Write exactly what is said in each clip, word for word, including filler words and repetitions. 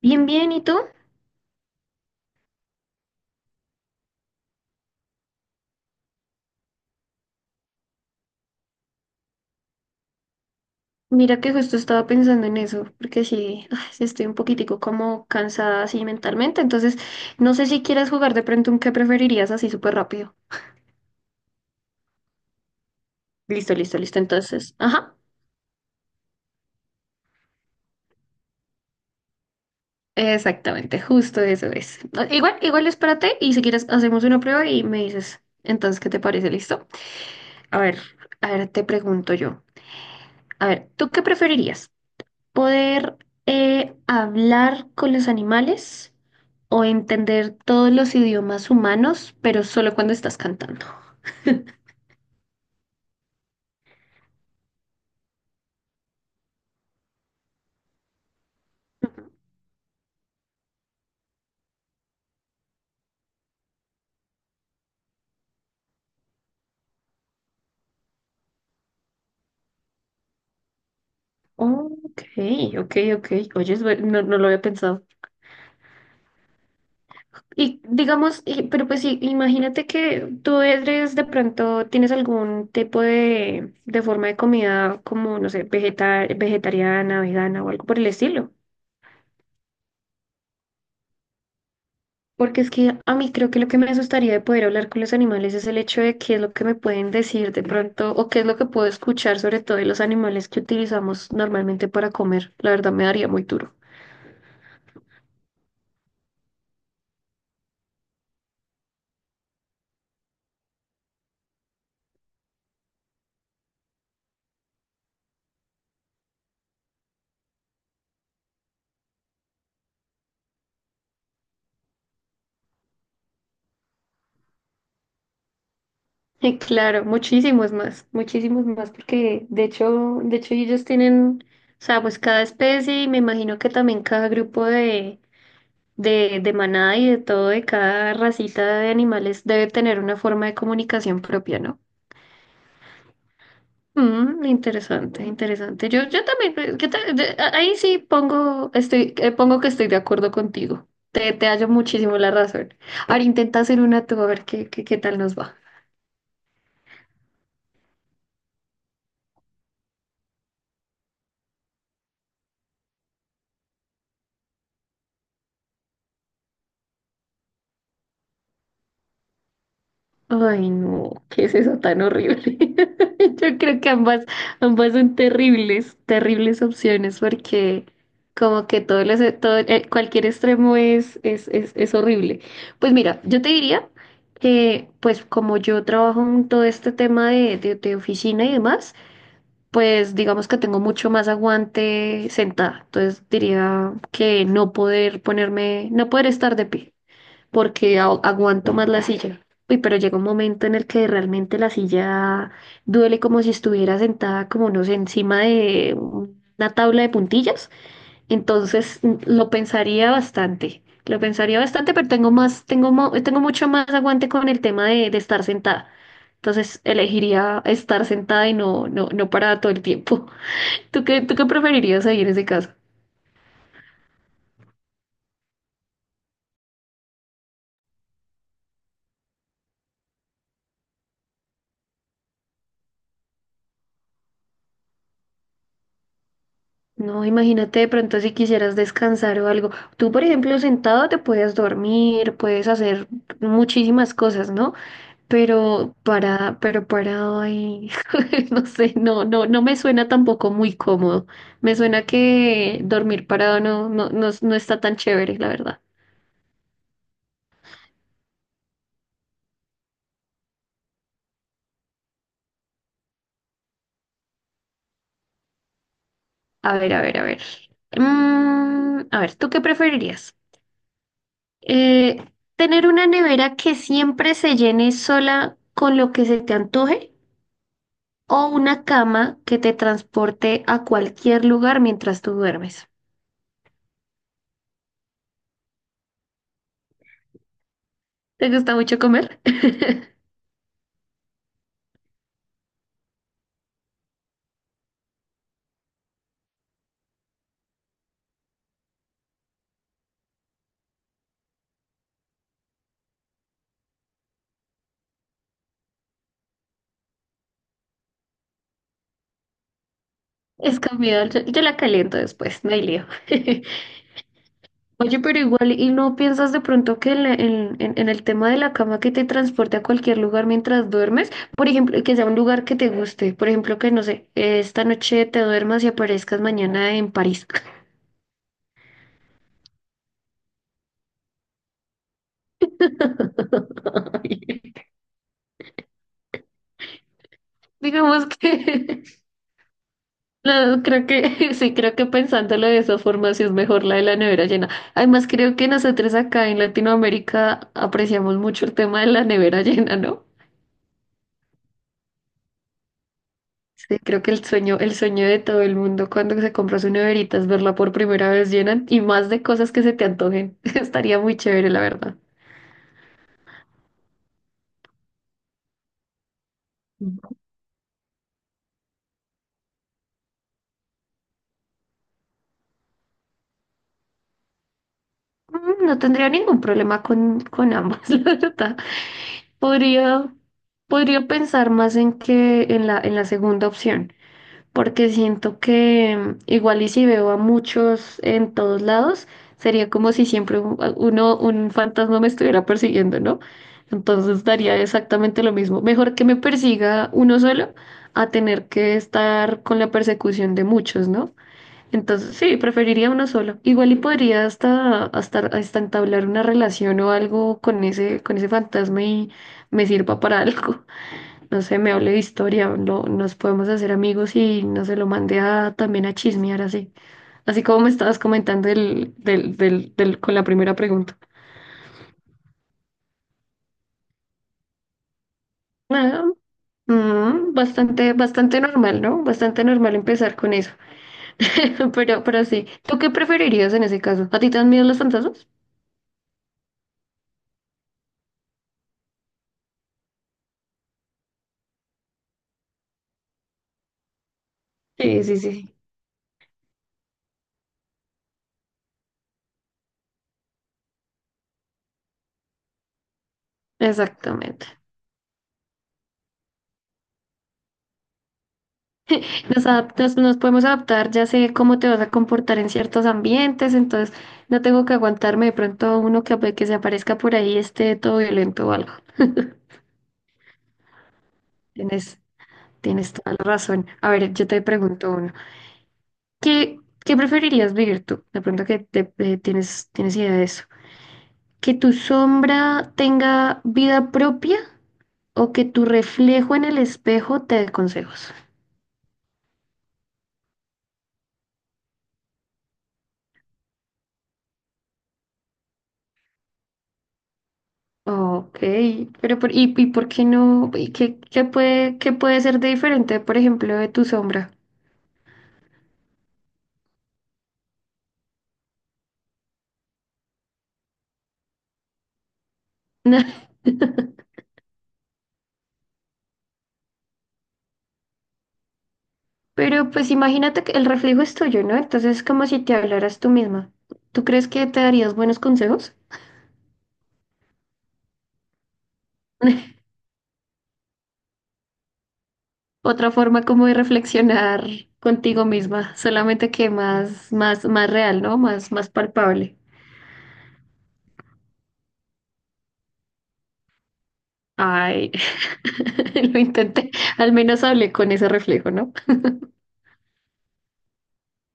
Bien, bien, ¿y tú? Mira que justo estaba pensando en eso, porque sí, ay, sí estoy un poquitico como cansada así mentalmente, entonces no sé si quieres jugar de pronto un qué preferirías así súper rápido. Listo, listo, listo, entonces, ajá, exactamente, justo eso es. Ah, igual, igual espérate y si quieres hacemos una prueba y me dices, entonces, ¿qué te parece? ¿Listo? A ver, a ver, te pregunto yo, a ver, ¿tú qué preferirías? poder eh, hablar con los animales o entender todos los idiomas humanos, pero solo cuando estás cantando? Ok, ok, ok. Oye, es bu- no, no lo había pensado. Y digamos, y- pero pues sí, imagínate que tú eres de pronto, tienes algún tipo de, de forma de comida como, no sé, vegeta- vegetariana, vegana o algo por el estilo. Porque es que a mí creo que lo que me asustaría de poder hablar con los animales es el hecho de qué es lo que me pueden decir de pronto o qué es lo que puedo escuchar sobre todo de los animales que utilizamos normalmente para comer. La verdad me daría muy duro. Y claro, muchísimos más, muchísimos más porque de hecho, de hecho ellos tienen, o sea, pues cada especie y me imagino que también cada grupo de, de, de manada y de todo, de cada racita de animales debe tener una forma de comunicación propia, ¿no? Mm, interesante, interesante. Yo, yo también, eh, ¿qué tal? De- a- ahí sí pongo, estoy, eh, pongo que estoy de acuerdo contigo. Te, te hallo muchísimo la razón. Ahora intenta hacer una tú, a ver qué, qué, qué tal nos va. Ay, no, ¿qué es eso tan horrible? Yo creo que ambas, ambas son terribles, terribles opciones porque como que todo, los- todo eh, cualquier extremo es, es, es, es horrible. Pues mira, yo te diría que pues como yo trabajo en todo este tema de, de, de oficina y demás, pues digamos que tengo mucho más aguante sentada. Entonces diría que no poder ponerme, no poder estar de pie porque a- aguanto más la silla. Uy, pero llega un momento en el que realmente la silla duele como si estuviera sentada, como no sé, encima de una tabla de puntillas. Entonces mm, lo pensaría bastante, lo pensaría bastante, pero tengo más, tengo, mo- tengo mucho más aguante con el tema de, de estar sentada. Entonces elegiría estar sentada y no, no, no parada todo el tiempo. ¿Tú qué, tú qué preferirías ahí en ese caso? No, imagínate de pronto si quisieras descansar o algo. Tú, por ejemplo, sentado te puedes dormir, puedes hacer muchísimas cosas, ¿no? Pero para, pero parado ahí, no sé, no, no, no me suena tampoco muy cómodo. Me suena que dormir parado no, no, no, no está tan chévere, la verdad. A ver, a ver, a ver. Mm, a ver, ¿tú qué preferirías? Eh, ¿tener una nevera que siempre se llene sola con lo que se te antoje o una cama que te transporte a cualquier lugar mientras tú duermes? ¿Te gusta mucho comer? Es comida, yo, yo la caliento después, no hay lío. Oye, pero igual, ¿y no piensas de pronto que en, la- en- en- en el tema de la cama que te transporte a cualquier lugar mientras duermes? Por ejemplo, que sea un lugar que te guste. Por ejemplo, que no sé, esta noche te duermas y aparezcas mañana en París. Digamos que... No, creo que sí, creo que pensándolo de esa forma sí es mejor la de la nevera llena. Además, creo que nosotros acá en Latinoamérica apreciamos mucho el tema de la nevera llena, ¿no? Sí, creo que el sueño, el sueño de todo el mundo cuando se compra su neverita es verla por primera vez llena y más de cosas que se te antojen. Estaría muy chévere, la verdad. Mm. No tendría ningún problema con, con ambas, la verdad. Podría, podría pensar más en que en la, en la segunda opción. Porque siento que igual y si veo a muchos en todos lados, sería como si siempre un- uno, un fantasma me estuviera persiguiendo, ¿no? Entonces daría exactamente lo mismo. Mejor que me persiga uno solo a tener que estar con la persecución de muchos, ¿no? Entonces sí, preferiría uno solo. Igual y podría hasta, hasta, hasta entablar una relación o algo con ese, con ese fantasma y me sirva para algo, no sé, me hable de historia, no, nos podemos hacer amigos y no se lo mandé a, también a chismear así. Así como me estabas comentando del, del, del, del- con la primera pregunta. Nada, mm, bastante, bastante normal, ¿no? Bastante normal empezar con eso. Pero, pero sí, ¿tú qué preferirías en ese caso? ¿A ti te dan miedo los fantasmas? Sí, sí, sí, exactamente. Nos adaptas, nos podemos adaptar, ya sé cómo te vas a comportar en ciertos ambientes, entonces no tengo que aguantarme de pronto a uno que, ape- que se aparezca por ahí esté todo violento o algo. Tienes, tienes toda la razón. A ver, yo te pregunto uno. ¿Qué, qué preferirías vivir tú? De pronto que te, eh, tienes, tienes idea de eso. ¿Que tu sombra tenga vida propia o que tu reflejo en el espejo te dé consejos? Ok, pero por, y, y ¿por qué no? ¿Y qué, qué puede, qué puede ser de diferente, por ejemplo, de tu sombra? Pero pues imagínate que el reflejo es tuyo, ¿no? Entonces es como si te hablaras tú misma. ¿Tú crees que te darías buenos consejos? Otra forma como de reflexionar contigo misma, solamente que más, más, más real, ¿no? Más, más palpable. Ay, lo intenté, al menos hablé con ese reflejo, ¿no?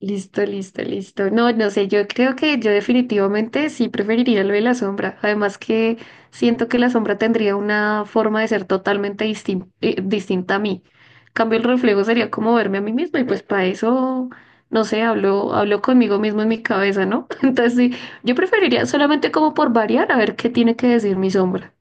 Listo, listo, listo. No, no sé, yo creo que yo definitivamente sí preferiría lo de la sombra. Además que siento que la sombra tendría una forma de ser totalmente distin- eh, distinta a mí. En cambio, el reflejo sería como verme a mí misma y pues para eso, no sé, hablo, hablo conmigo mismo en mi cabeza, ¿no? Entonces sí, yo preferiría solamente como por variar a ver qué tiene que decir mi sombra.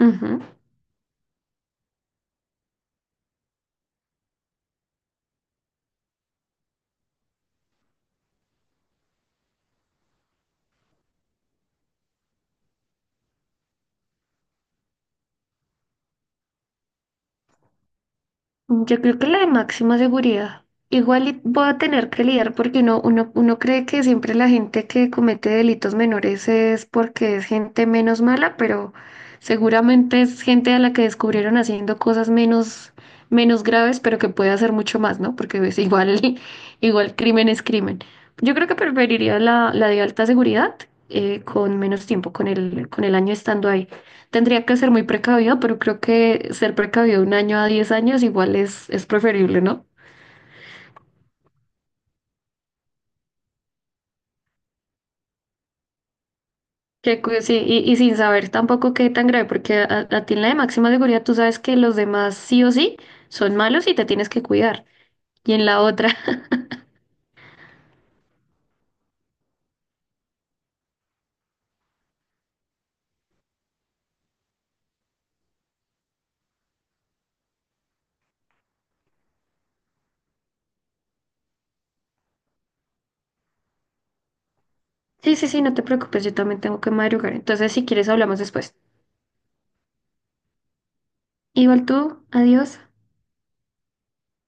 Ujú. Yo creo que la de máxima seguridad. Igual y voy a tener que lidiar porque uno, uno, uno cree que siempre la gente que comete delitos menores es porque es gente menos mala, pero seguramente es gente a la que descubrieron haciendo cosas menos, menos graves, pero que puede hacer mucho más, ¿no? Porque es igual, igual crimen es crimen. Yo creo que preferiría la, la de alta seguridad, eh, con menos tiempo, con el, con el año estando ahí. Tendría que ser muy precavido, pero creo que ser precavido un año a diez años igual es, es preferible, ¿no? Que, cu- sí, y, y sin saber tampoco qué tan grave, porque a, a ti en la de máxima seguridad tú sabes que los demás sí o sí son malos y te tienes que cuidar. Y en la otra, sí, sí, sí, no te preocupes, yo también tengo que madrugar. Entonces, si quieres, hablamos después. Igual tú, adiós.